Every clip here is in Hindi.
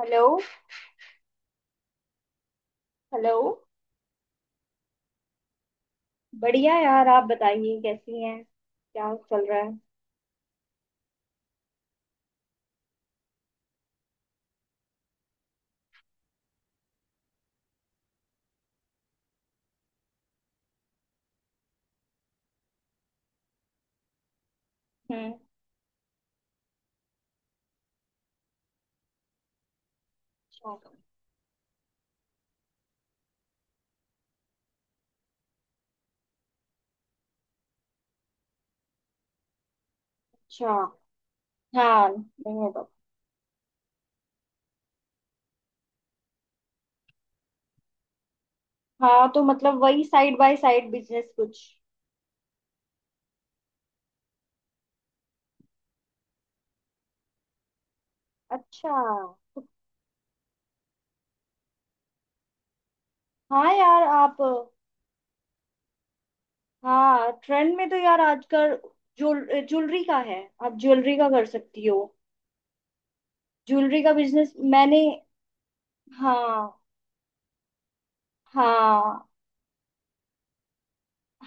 हेलो। हेलो। बढ़िया यार, आप बताइए कैसी हैं, क्या चल रहा है। हम्म। अच्छा। अच्छा, हाँ नहीं है तो। हाँ तो मतलब वही साइड बाय साइड बिजनेस कुछ। अच्छा। हाँ यार आप। हाँ, ट्रेंड में तो यार आजकल ज्वेलरी का है। आप ज्वेलरी का कर सकती हो। ज्वेलरी का बिजनेस मैंने। हाँ। हाँ।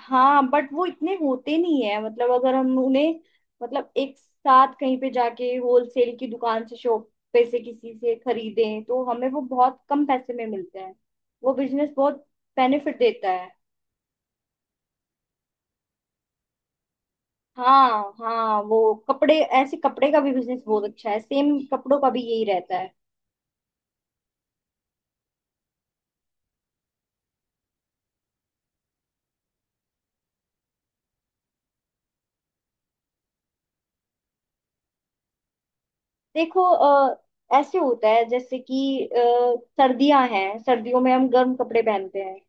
हाँ बट वो इतने होते नहीं है, मतलब अगर हम उन्हें मतलब एक साथ कहीं पे जाके होलसेल की दुकान से शॉप पे से किसी से खरीदें तो हमें वो बहुत कम पैसे में मिलते हैं। वो बिजनेस बहुत बेनिफिट देता है। हाँ। हाँ वो कपड़े, ऐसे कपड़े का भी बिजनेस बहुत अच्छा है, सेम कपड़ों का भी यही रहता है। देखो, ऐसे होता है जैसे कि सर्दियां हैं, सर्दियों में हम गर्म कपड़े पहनते हैं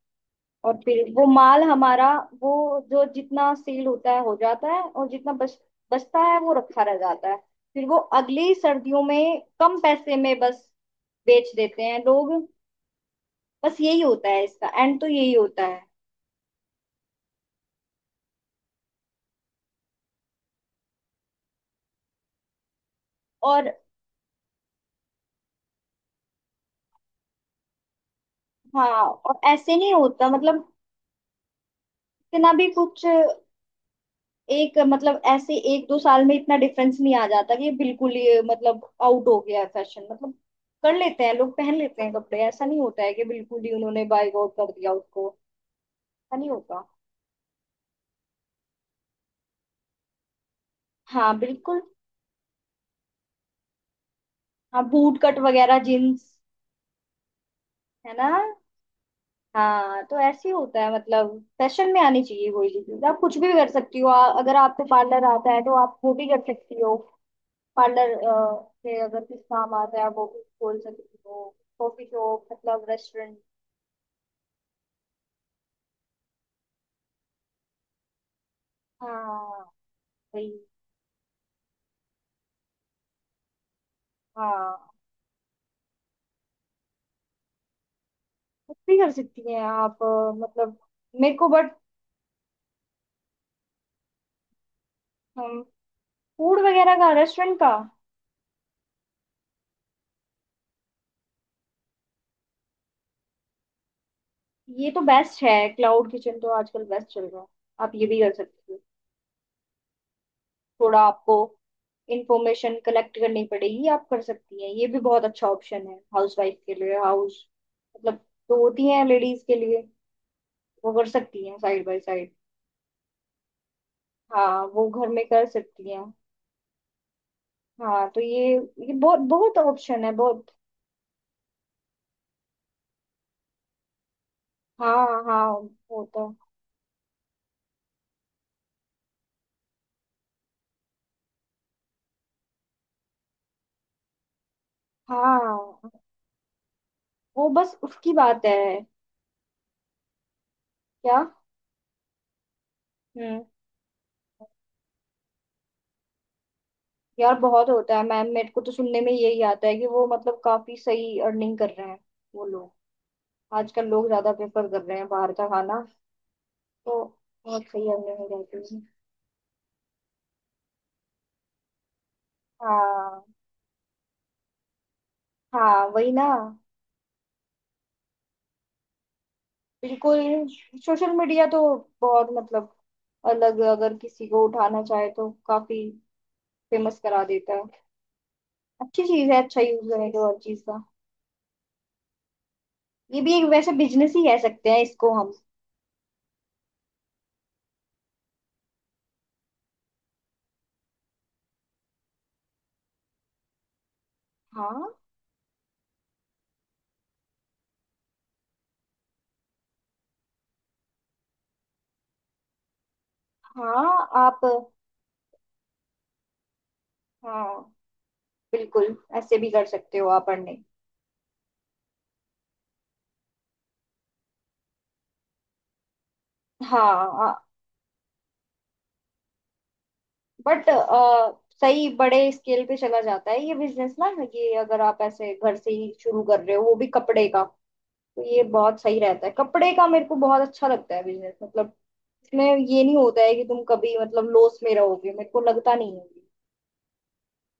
और फिर वो माल हमारा वो जो जितना सेल होता है हो जाता है, और जितना बच बचता है वो रखा रह जाता है। फिर वो अगली सर्दियों में कम पैसे में बस बेच देते हैं लोग। बस यही होता है, इसका एंड तो यही होता है। और। हाँ। और ऐसे नहीं होता मतलब। इतना भी कुछ। एक मतलब ऐसे एक दो साल में इतना डिफरेंस नहीं आ जाता कि ये बिल्कुल ही मतलब आउट हो गया है फैशन मतलब। कर लेते हैं लोग, पहन लेते हैं कपड़े, ऐसा नहीं होता है कि बिल्कुल ही उन्होंने बायकॉट कर दिया उसको। ऐसा नहीं होगा। हाँ बिल्कुल। हाँ बूट कट वगैरह जींस। है ना। हाँ, तो ऐसे ही होता है, मतलब फैशन में आनी चाहिए कोई भी चीज, आप कुछ भी कर सकती हो। अगर आपको पार्लर आता है तो आप वो भी कर सकती हो। पार्लर से अगर कुछ काम आता है आप वो भी खोल सकती हो। कॉफी शॉप मतलब रेस्टोरेंट। हाँ वही। हाँ कुछ भी कर सकती हैं आप, मतलब। मेरे को बट फूड वगैरह का रेस्टोरेंट का। ये तो बेस्ट है, क्लाउड किचन तो आजकल बेस्ट चल रहा है। आप ये भी कर सकती हो। थोड़ा आपको इंफॉर्मेशन कलेक्ट करनी पड़ेगी, आप कर सकती हैं। ये भी बहुत अच्छा ऑप्शन है हाउसवाइफ के लिए, हाउस मतलब तो होती हैं, लेडीज के लिए। वो कर सकती हैं साइड बाय साइड। हाँ वो घर में कर सकती हैं। हाँ तो ये बहुत बहुत ऑप्शन है, बहुत। हाँ हाँ। होता। हाँ, वो बस उसकी बात है। क्या। हम्म। यार बहुत होता है मैम, मेरे को तो सुनने में यही आता है कि वो मतलब काफी सही अर्निंग कर रहे हैं वो लोग। आजकल लोग ज्यादा प्रेफर कर रहे हैं बाहर का खाना, तो बहुत सही अर्निंग हो जाती है। हाँ। हाँ वही ना। बिल्कुल। सोशल मीडिया तो बहुत मतलब अलग, अगर किसी को उठाना चाहे तो काफी फेमस करा देता है। अच्छी चीज है, अच्छा यूज करें तो हर चीज का। ये भी एक वैसे बिजनेस ही कह सकते हैं इसको हम। हाँ। हाँ आप। हाँ बिल्कुल, ऐसे भी कर सकते हो आप अर्निंग। हाँ बट सही बड़े स्केल पे चला जाता है ये बिजनेस ना, ये अगर आप ऐसे घर से ही शुरू कर रहे हो, वो भी कपड़े का, तो ये बहुत सही रहता है। कपड़े का मेरे को बहुत अच्छा लगता है बिजनेस मतलब। इसमें ये नहीं होता है कि तुम कभी मतलब लॉस में रहोगे, मेरे को लगता नहीं है।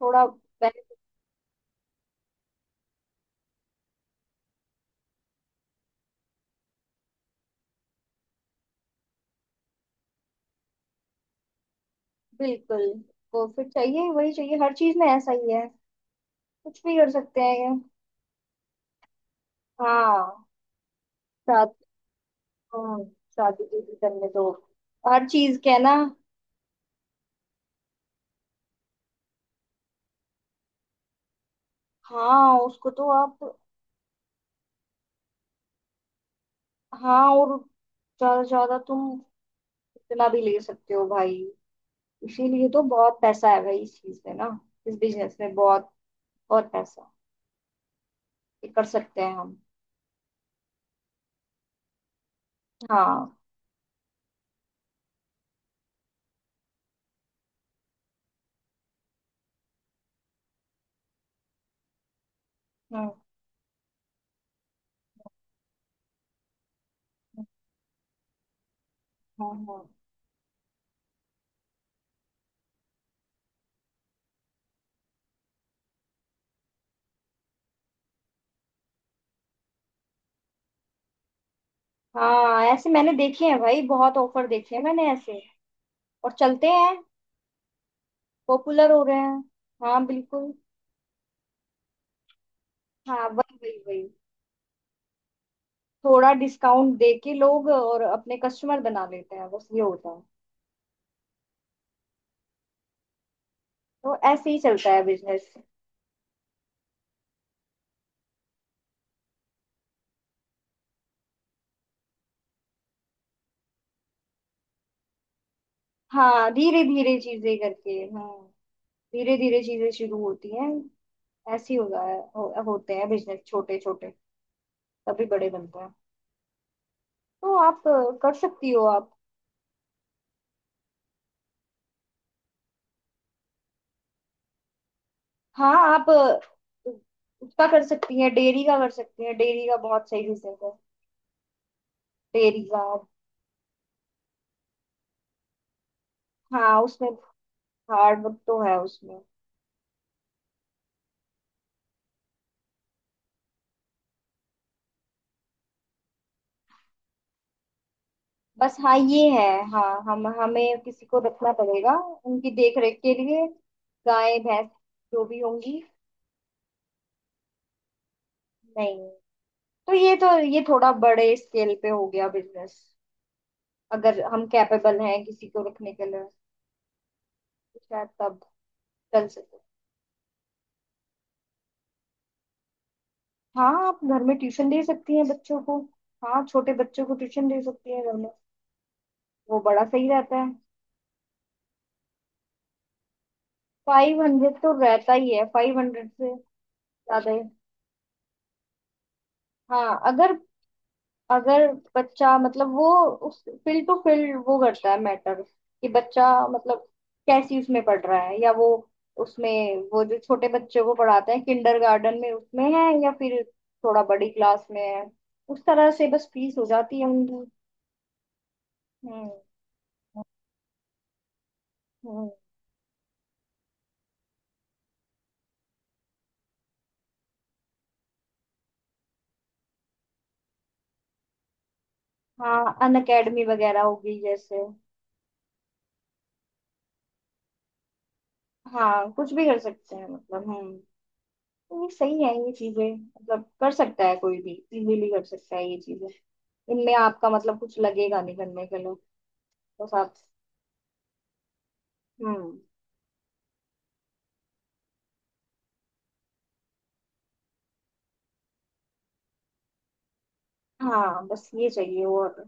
थोड़ा benefit- बिल्कुल। प्रॉफिट चाहिए, वही चाहिए, हर चीज में ऐसा ही है। कुछ भी कर सकते हैं ये। हाँ। हाँ शादी की करने दो, हर चीज कहना। हाँ उसको तो आप। हाँ और। ज्यादा से ज्यादा तुम इतना भी ले सकते हो भाई, इसीलिए तो बहुत पैसा है भाई इस चीज में ना, इस बिजनेस में बहुत बहुत पैसा है। ये कर सकते हैं हम। हाँ। हम्म। हम्म। हाँ ऐसे मैंने देखे हैं भाई, बहुत ऑफर देखे हैं मैंने ऐसे और चलते हैं। पॉपुलर हो रहे हैं। हाँ बिल्कुल। हाँ वही वही वही। थोड़ा डिस्काउंट दे के लोग और अपने कस्टमर बना लेते हैं, बस ये होता है। तो ऐसे ही चलता है बिजनेस। हाँ, धीरे धीरे चीजें करके। हम्म। धीरे धीरे चीजें शुरू होती हैं। ऐसे ही होता है, होते हैं बिजनेस छोटे छोटे, तभी बड़े बनते हैं। तो आप कर सकती हो आप। हाँ आप उसका कर सकती हैं। डेयरी का कर सकती हैं, डेयरी का बहुत सही बिजनेस है। डेयरी का हाँ। उसमें हार्ड वर्क तो है उसमें। बस हाँ ये है। हाँ हम हमें किसी को रखना पड़ेगा उनकी देख रेख के लिए, गाय भैंस जो भी होंगी। नहीं, तो ये थोड़ा बड़े स्केल पे हो गया बिजनेस। अगर हम कैपेबल हैं किसी को रखने के लिए तो शायद तब चल सके। हाँ आप घर में ट्यूशन दे सकती हैं बच्चों को। हाँ छोटे बच्चों को ट्यूशन दे सकती हैं घर में, वो बड़ा सही रहता है। 500 तो रहता ही है, 500 से ज्यादा है। हाँ अगर, अगर बच्चा मतलब वो, उस फील्ड टू फील्ड वो करता है मैटर, कि बच्चा मतलब कैसी उसमें पढ़ रहा है या वो उसमें, वो जो छोटे बच्चों को पढ़ाते हैं किंडरगार्टन में उसमें है या फिर थोड़ा बड़ी क्लास में है, उस तरह से बस फीस हो जाती है उनकी। हम्म। हम्म। हाँ अनअकैडमी वगैरह होगी जैसे। हाँ कुछ भी कर सकते हैं मतलब। हम्म। ये सही है, ये चीजें मतलब कर सकता है कोई भी, इजीली कर सकता है ये चीजें। इनमें आपका मतलब कुछ लगेगा नहीं करने के लिए, बस आप। हम्म। हाँ बस ये चाहिए और।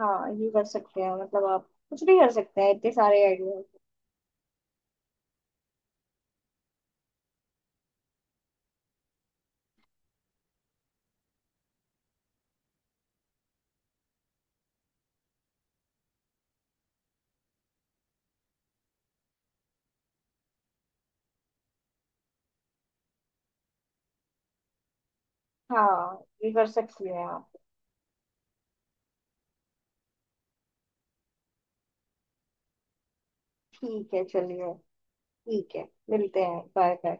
हाँ ये कर सकते हैं, मतलब आप कुछ भी कर सकते हैं, इतने सारे आइडिया। हाँ ये कर सकती हैं आप। ठीक है चलिए। ठीक है, मिलते हैं, बाय बाय।